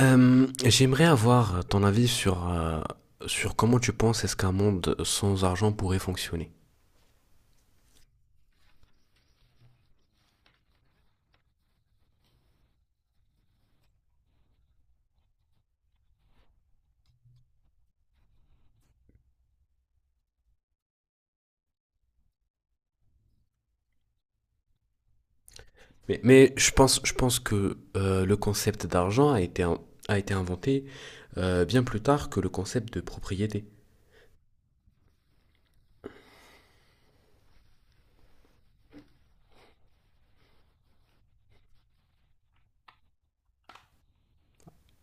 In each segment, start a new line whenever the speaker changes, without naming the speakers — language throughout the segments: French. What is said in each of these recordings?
J'aimerais avoir ton avis sur, sur comment tu penses est-ce qu'un monde sans argent pourrait fonctionner. Mais je pense que le concept d'argent a été, a été inventé bien plus tard que le concept de propriété.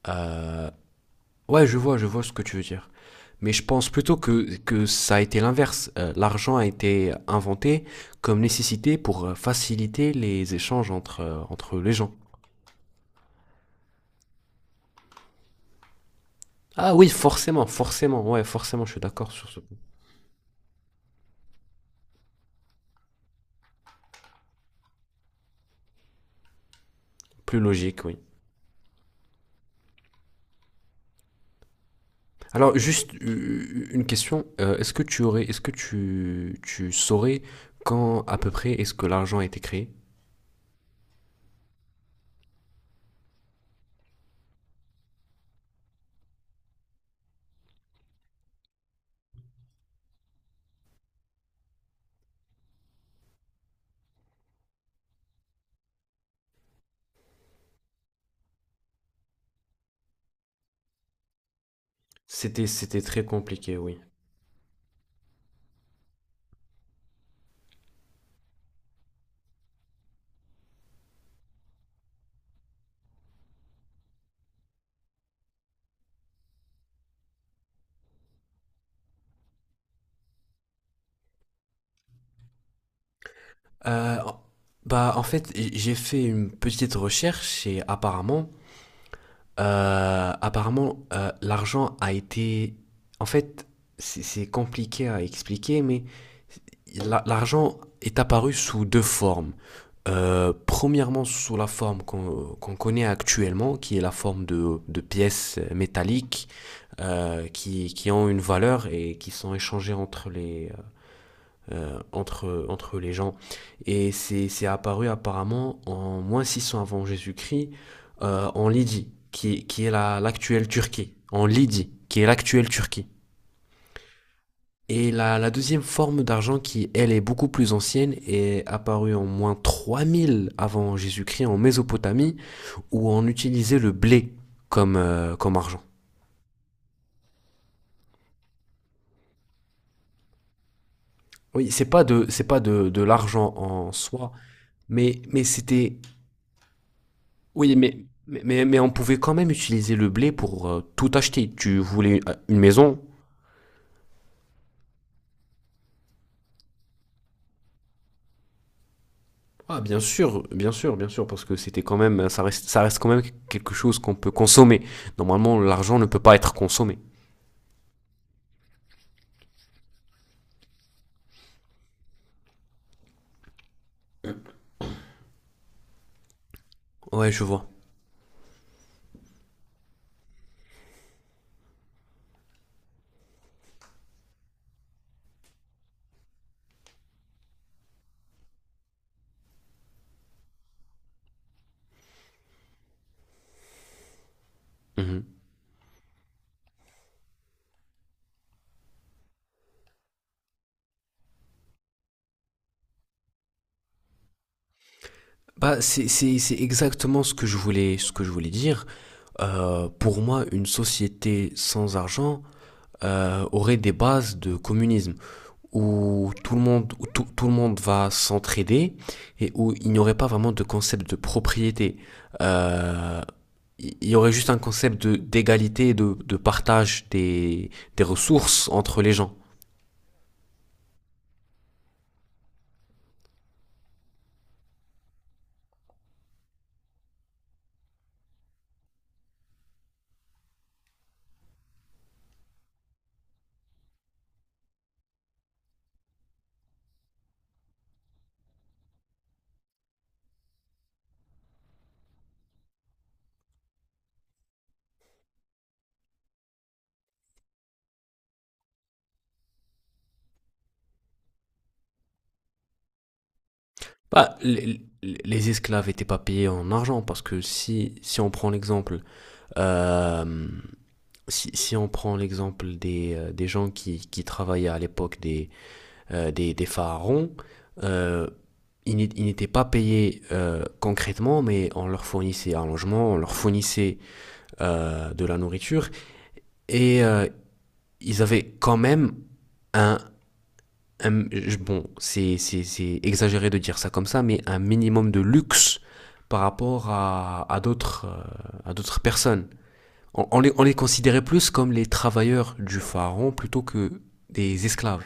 Euh, ouais, je vois ce que tu veux dire. Mais je pense plutôt que ça a été l'inverse. L'argent a été inventé comme nécessité pour faciliter les échanges entre les gens. Ah oui, forcément, forcément, ouais, forcément, je suis d'accord sur ce Plus logique, oui. Alors, juste une question. Est-ce que tu aurais, est-ce que tu saurais quand à peu près est-ce que l'argent a été créé? C'était très compliqué, oui. Euh, Bah, en fait, j'ai fait une petite recherche et apparemment, l'argent a été, en fait, c'est compliqué à expliquer, mais l'argent est apparu sous deux formes. Premièrement, sous la forme qu'on connaît actuellement, qui est la forme de pièces métalliques qui ont une valeur et qui sont échangées entre les gens. Et c'est apparu apparemment en moins 600 avant Jésus-Christ, en Lydie, qui est l'actuelle Turquie. En Lydie, qui est l'actuelle Turquie. Et la deuxième forme d'argent qui, elle, est beaucoup plus ancienne, est apparue en moins 3 000 avant Jésus-Christ en Mésopotamie, où on utilisait le blé comme argent. Oui, c'est pas de, de l'argent en soi, mais c'était... Oui, mais on pouvait quand même utiliser le blé pour tout acheter. Tu voulais une maison? Ah, bien sûr, bien sûr, bien sûr, parce que c'était quand même, ça reste quand même quelque chose qu'on peut consommer. Normalement, l'argent ne peut pas être consommé. Ouais, je vois. Mhm. Bah, c'est exactement ce que je voulais dire. Pour moi, une société sans argent aurait des bases de communisme, où tout le monde va s'entraider et où il n'y aurait pas vraiment de concept de propriété. Euh, il y aurait juste un concept de d'égalité et de partage des ressources entre les gens. Bah, les esclaves n'étaient pas payés en argent parce que euh, si on prend l'exemple des gens qui travaillaient à l'époque des pharaons, euh, ils n'étaient pas payés concrètement, mais on leur fournissait un logement, on leur fournissait de la nourriture, et ils avaient quand même un, un- bon, c'est exagéré de dire ça comme ça, mais un minimum de luxe par rapport à d'autres personnes. On, on les considérait plus comme les travailleurs du pharaon plutôt que des esclaves.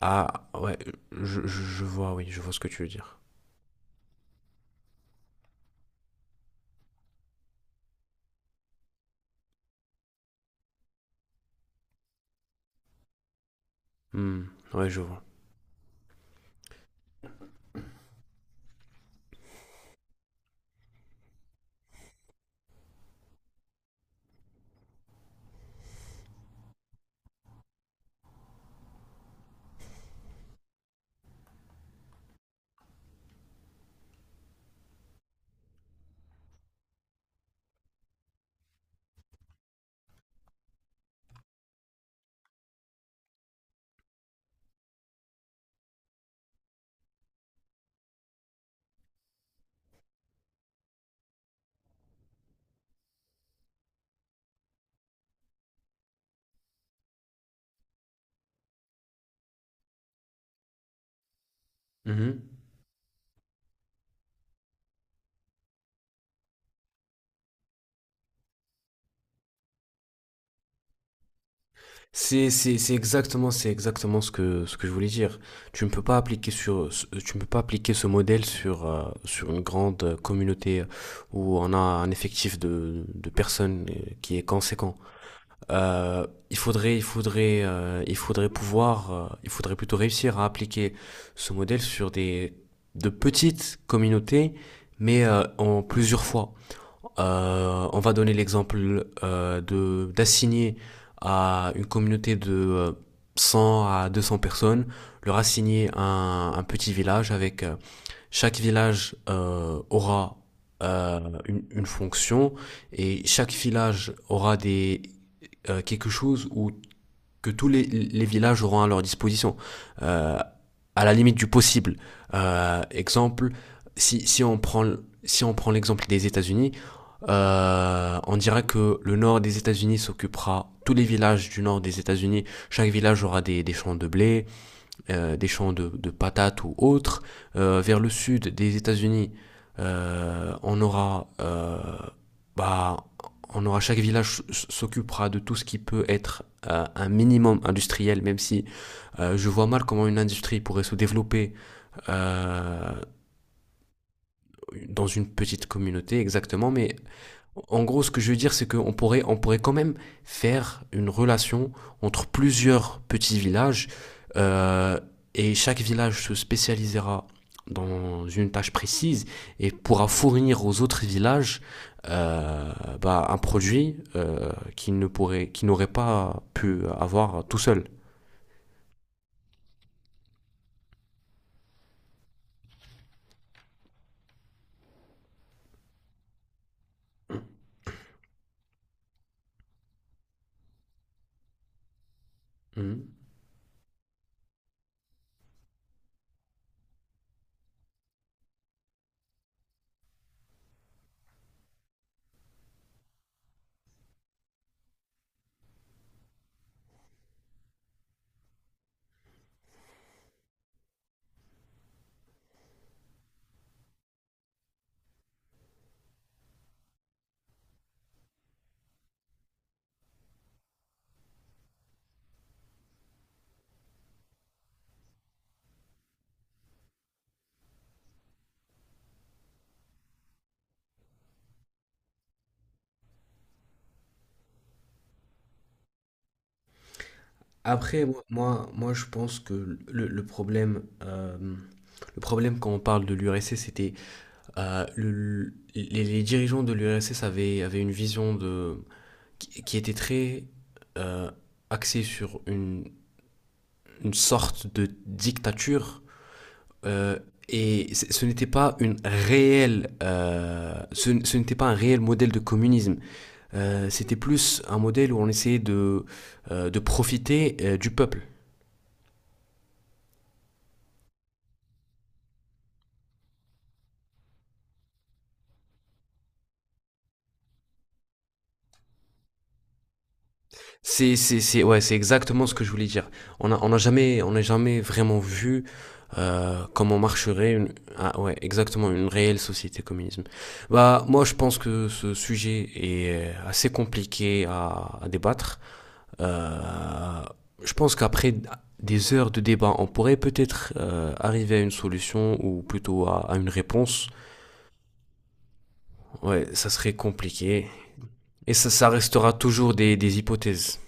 Ah ouais, je vois, oui, je vois ce que tu veux dire. Hmm, ouais, je vois. Mhm. C'est exactement ce que je voulais dire. Tu ne peux pas appliquer ce modèle sur une grande communauté où on a un effectif de personnes qui est conséquent. Il faudrait plutôt réussir à appliquer ce modèle de petites communautés, mais en plusieurs fois. On va donner l'exemple de d'assigner à une communauté de 100 à 200 personnes, leur assigner un petit village avec chaque village aura euh, une fonction et chaque village aura des quelque chose où que tous les villages auront à leur disposition, euh, à la limite du possible. Exemple, si, si on prend, si on prend l'exemple des États-Unis, on dira que le nord des États-Unis s'occupera tous les villages du nord des États-Unis. Chaque village aura des champs de blé, des champs de patates ou autres. Vers le sud des États-Unis, euh, on aura, euh, bah, on aura chaque village s'occupera de tout ce qui peut être un minimum industriel, même si je vois mal comment une industrie pourrait se développer euh, dans une petite communauté exactement, mais en gros, ce que je veux dire, c'est on pourrait quand même faire une relation entre plusieurs petits villages euh, et chaque village se spécialisera dans une tâche précise et pourra fournir aux autres villages euh, bah, un produit qu'ils ne pourraient, qu'ils n'auraient pas pu avoir tout seul. Mhm. Après, moi, je pense que le problème quand on parle de l'URSS, c'était les dirigeants de l'URSS avaient une vision qui était très euh, axée sur une sorte de dictature. euh, et ce n'était pas une réelle, ce, n- ce n'était pas un réel modèle de communisme. C'était plus un modèle où on essayait de profiter du peuple. Ouais, c'est exactement ce que je voulais dire. On n'a jamais vraiment vu comment marcherait ah, ouais, exactement une réelle société communisme. Bah, moi, je pense que ce sujet est assez compliqué à débattre. Euh, je pense qu'après des heures de débat, on pourrait peut-être arriver à une solution ou plutôt à une réponse. Ouais, ça serait compliqué. Et ça restera toujours des hypothèses.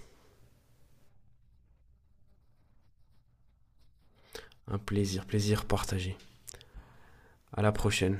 Un plaisir, plaisir partagé. À la prochaine.